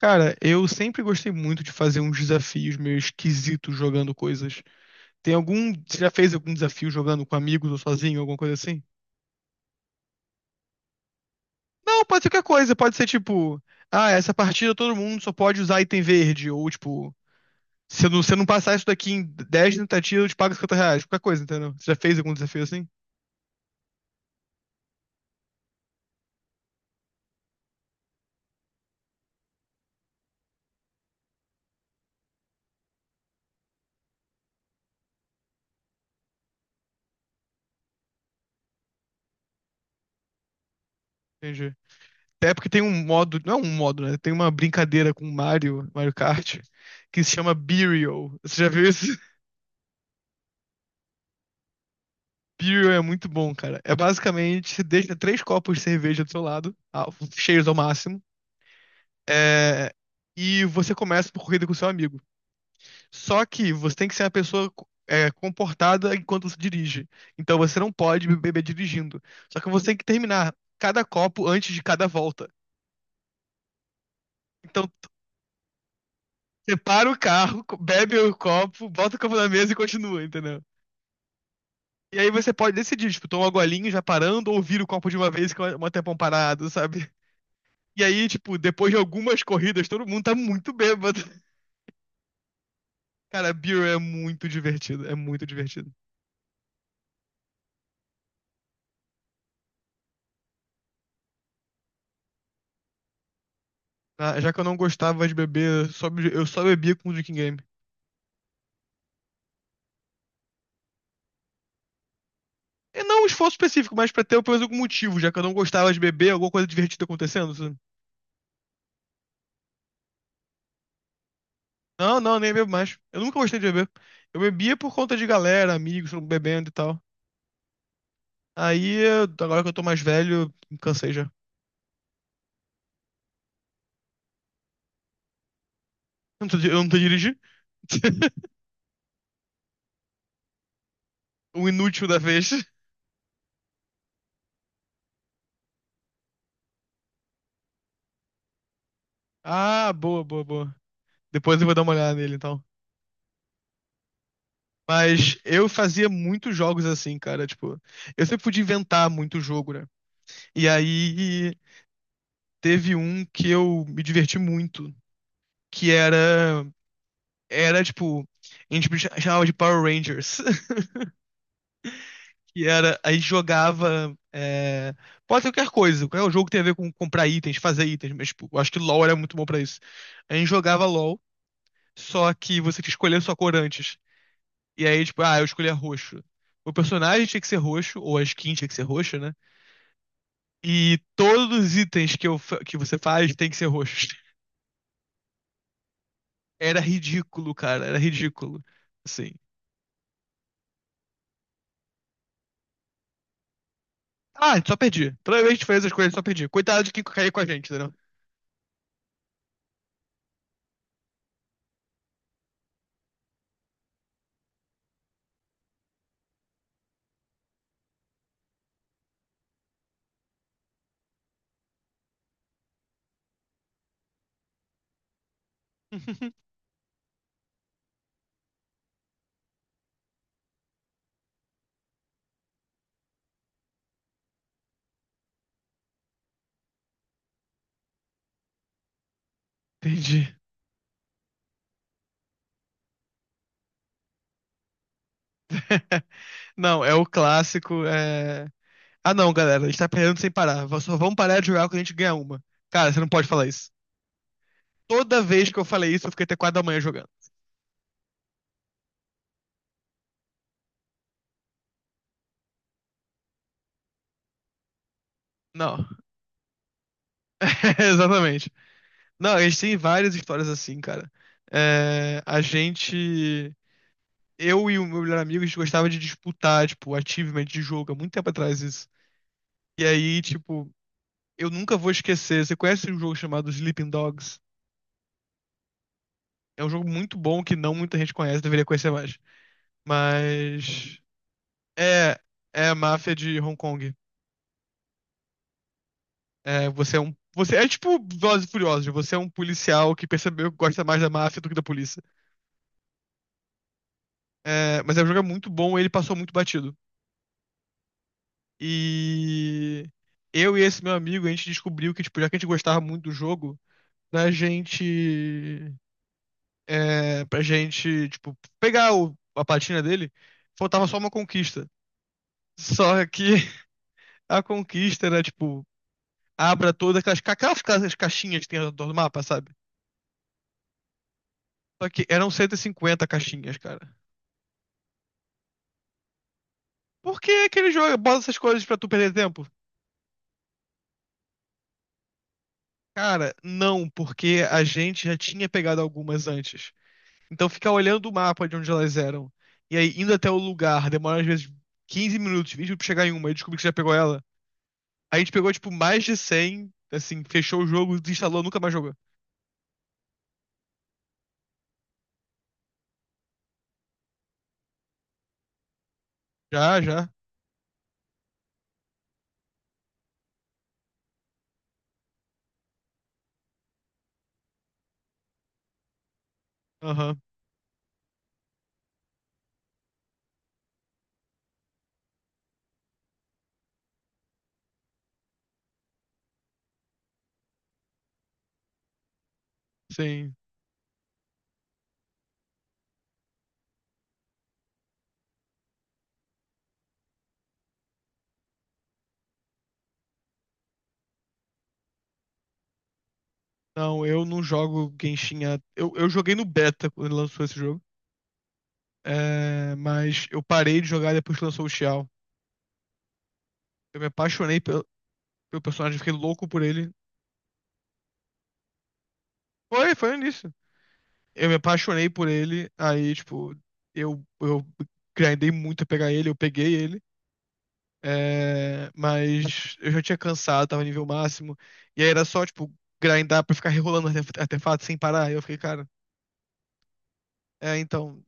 Cara, eu sempre gostei muito de fazer uns desafios meio esquisitos jogando coisas. Tem algum. Você já fez algum desafio jogando com amigos ou sozinho, alguma coisa assim? Não, pode ser qualquer coisa. Pode ser tipo, ah, essa partida todo mundo só pode usar item verde. Ou tipo, se eu não passar isso daqui em 10 tentativas, eu te pago R$ 50. Qualquer coisa, entendeu? Você já fez algum desafio assim? Entendi. Até porque tem um modo. Não é um modo, né? Tem uma brincadeira com o Mario, Mario Kart, que se chama Burial. Você já viu isso? Beer é muito bom, cara. É basicamente, você deixa três copos de cerveja do seu lado, ah, cheios ao máximo, é, e você começa por corrida com seu amigo. Só que você tem que ser uma pessoa comportada enquanto você dirige. Então você não pode beber dirigindo. Só que você tem que terminar cada copo antes de cada volta. Então você para o carro, bebe o copo, bota o copo na mesa e continua, entendeu? E aí você pode decidir, tipo, tomar uma golinha já parando ou vira o copo de uma vez que é um tempão parado, sabe? E aí, tipo, depois de algumas corridas, todo mundo tá muito bêbado. Cara, Beer é muito divertido, é muito divertido. Ah, já que eu não gostava de beber, eu só bebia com o Drinking Game. E não um esforço específico, mas pra ter pelo menos algum motivo, já que eu não gostava de beber, alguma coisa divertida acontecendo, sabe? Não, não, nem bebo mais. Eu nunca gostei de beber. Eu bebia por conta de galera, amigos, todo mundo bebendo e tal. Aí, agora que eu tô mais velho, me cansei já. Eu não tô dirigindo. O inútil da vez. Ah, boa, boa, boa. Depois eu vou dar uma olhada nele, então. Mas eu fazia muitos jogos assim, cara. Tipo, eu sempre podia inventar muito jogo, né? E aí teve um que eu me diverti muito, que era tipo, a gente chamava de Power Rangers. Que era, a gente jogava, pode ser qualquer coisa, qualquer jogo que tem a ver com comprar itens, fazer itens, mas tipo, eu acho que LoL era muito bom pra isso. A gente jogava LoL, só que você tinha que escolher a sua cor antes. E aí, tipo, ah, eu escolhi roxo. O personagem tinha que ser roxo, ou a skin tinha que ser roxa, né? E todos os itens que você faz tem que ser roxos. Era ridículo, cara. Era ridículo. Assim. Ah, só perdi. Toda vez que a gente fez as coisas, só perdi. Coitado de quem cair com a gente, entendeu? Entendi. Não, é o clássico. Ah, não, galera, a gente tá perdendo sem parar. Só vamos parar de jogar quando a gente ganhar uma. Cara, você não pode falar isso. Toda vez que eu falei isso, eu fiquei até 4 da manhã jogando. Não, exatamente. Não, a gente tem várias histórias assim, cara. É, A gente. Eu e o meu melhor amigo, a gente gostava de disputar, tipo, achievement de jogo, há muito tempo atrás isso. E aí, tipo, eu nunca vou esquecer. Você conhece um jogo chamado Sleeping Dogs? É um jogo muito bom que não muita gente conhece, deveria conhecer mais. Mas é é a máfia de Hong Kong. É, você é tipo Velozes e Furiosos, você é um policial que percebeu que gosta mais da máfia do que da polícia. É, mas é um jogo muito bom, ele passou muito batido. E eu e esse meu amigo, a gente descobriu que tipo, já que a gente gostava muito do jogo, pra gente. pra gente, tipo, pegar a platina dele, faltava só uma conquista. Só que a conquista era, tipo, abra todas as caixinhas que tem ao redor do mapa, sabe? Só que eram 150 caixinhas, cara. Por que aquele jogo bota essas coisas pra tu perder tempo? Cara, não, porque a gente já tinha pegado algumas antes. Então ficar olhando o mapa de onde elas eram. E aí, indo até o lugar, demora às vezes 15 minutos, 20 minutos pra chegar em uma e descobrir que você já pegou ela. A gente pegou, tipo, mais de 100 assim, fechou o jogo, desinstalou, nunca mais jogou. Já, já. Aham, sim. Não, eu não jogo Genshin. Eu joguei no beta quando lançou esse jogo. É, mas eu parei de jogar depois que lançou o Xiao. Eu me apaixonei pelo personagem, fiquei louco por ele. Foi nisso. Eu me apaixonei por ele, aí, tipo, eu grindei muito a pegar ele, eu peguei ele. É, mas eu já tinha cansado, tava nível máximo. E aí era só, tipo, grindar pra ficar rerolando artefato sem parar. Aí eu fiquei, cara, é, então.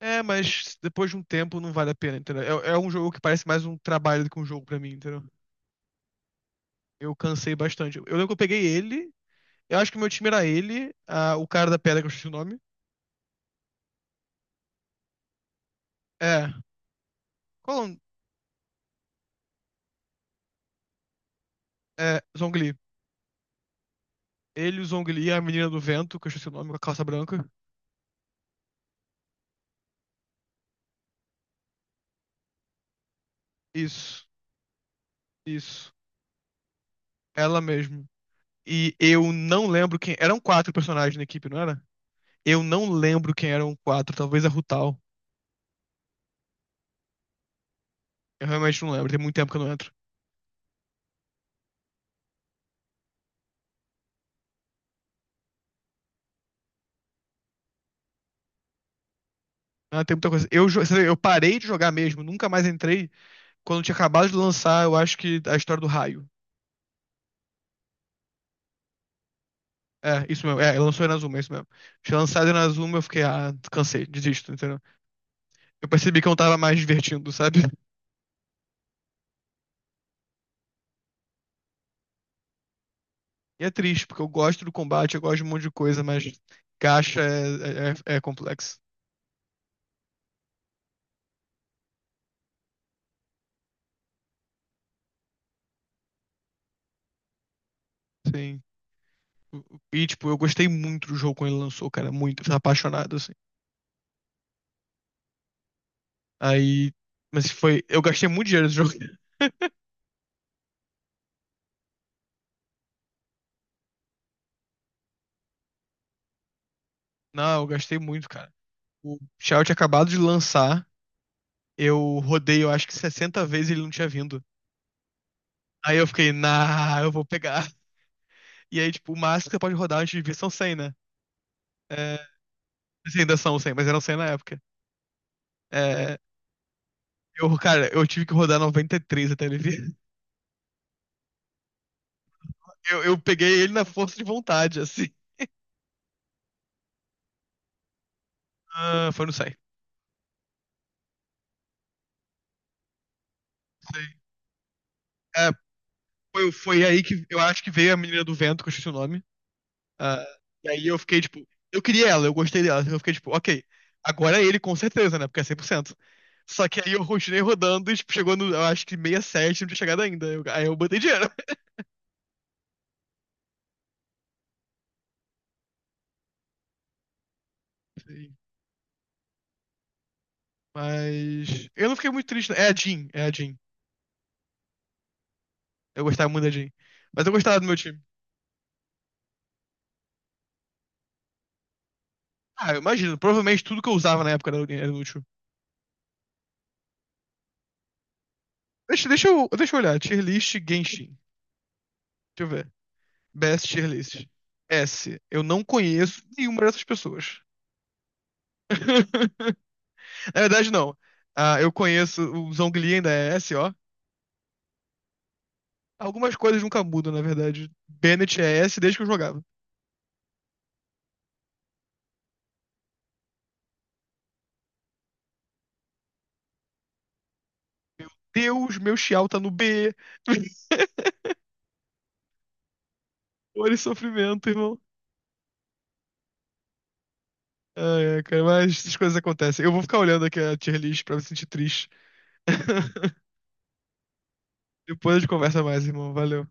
É, mas depois de um tempo não vale a pena, entendeu? É um jogo que parece mais um trabalho do que um jogo pra mim, entendeu? Eu cansei bastante. Eu lembro que eu peguei ele, eu acho que meu time era ele, o cara da pedra que eu esqueci o nome. É, qual o nome? É, Zhongli. Ele, o Zhongli, a menina do vento, que eu esqueci o nome, com a calça branca. Isso, isso. Ela mesmo. E eu não lembro quem. Eram quatro personagens na equipe, não era? Eu não lembro quem eram quatro, talvez a Rutal. Eu realmente não lembro, tem muito tempo que eu não entro. Ah, tem muita coisa. Eu, jo- você eu parei de jogar mesmo, nunca mais entrei. Quando tinha acabado de lançar, eu acho que a história do raio. É, isso mesmo. É, lançou Inazuma, é isso mesmo. Tinha lançado Inazuma, eu fiquei, ah, cansei, desisto, entendeu? Eu percebi que eu não tava mais divertindo, sabe? E é triste, porque eu gosto do combate, eu gosto de um monte de coisa, mas gacha é complexo. Sim. E, tipo, eu gostei muito do jogo quando ele lançou, cara. Muito. Eu tava apaixonado, assim. Aí. Mas foi. Eu gastei muito dinheiro nesse jogo. Não, eu gastei muito, cara. O Shout tinha acabado de lançar. Eu rodei, eu acho que 60 vezes e ele não tinha vindo. Aí eu fiquei, nah, eu vou pegar. E aí, tipo, o máximo que você pode rodar antes de vir são 100, né? É, assim, ainda são 100, mas eram 100 na época. É, cara, eu tive que rodar 93 até ele vir. Eu peguei ele na força de vontade, assim. Ah, foi no 100. Sei. É, foi aí que eu acho que veio a menina do vento, que eu esqueci o nome. Ah, e aí eu fiquei, tipo, eu queria ela, eu gostei dela. Eu fiquei, tipo, ok, agora é ele com certeza, né? Porque é 100%. Só que aí eu continuei rodando e, tipo, chegou no, eu acho que 67, não tinha chegado ainda. Aí eu botei dinheiro. Sim. Mas eu não fiquei muito triste, não. É a Jean, é a Jean. Eu gostava muito da Jean. Mas eu gostava do meu time. Ah, eu imagino, provavelmente tudo que eu usava na época era útil. Deixa eu olhar, tier list Genshin. Deixa eu ver. Best Tier List. S. Eu não conheço nenhuma dessas pessoas. Na verdade, não. Ah, eu conheço o Zhongli ainda é S, ó. Algumas coisas nunca mudam, na verdade. Bennett é S desde que eu jogava. Deus, meu Xiao tá no B. Dor e sofrimento, irmão. Ai, ai, cara, mas essas coisas acontecem. Eu vou ficar olhando aqui a tier list pra me sentir triste. Depois a gente conversa mais, irmão. Valeu.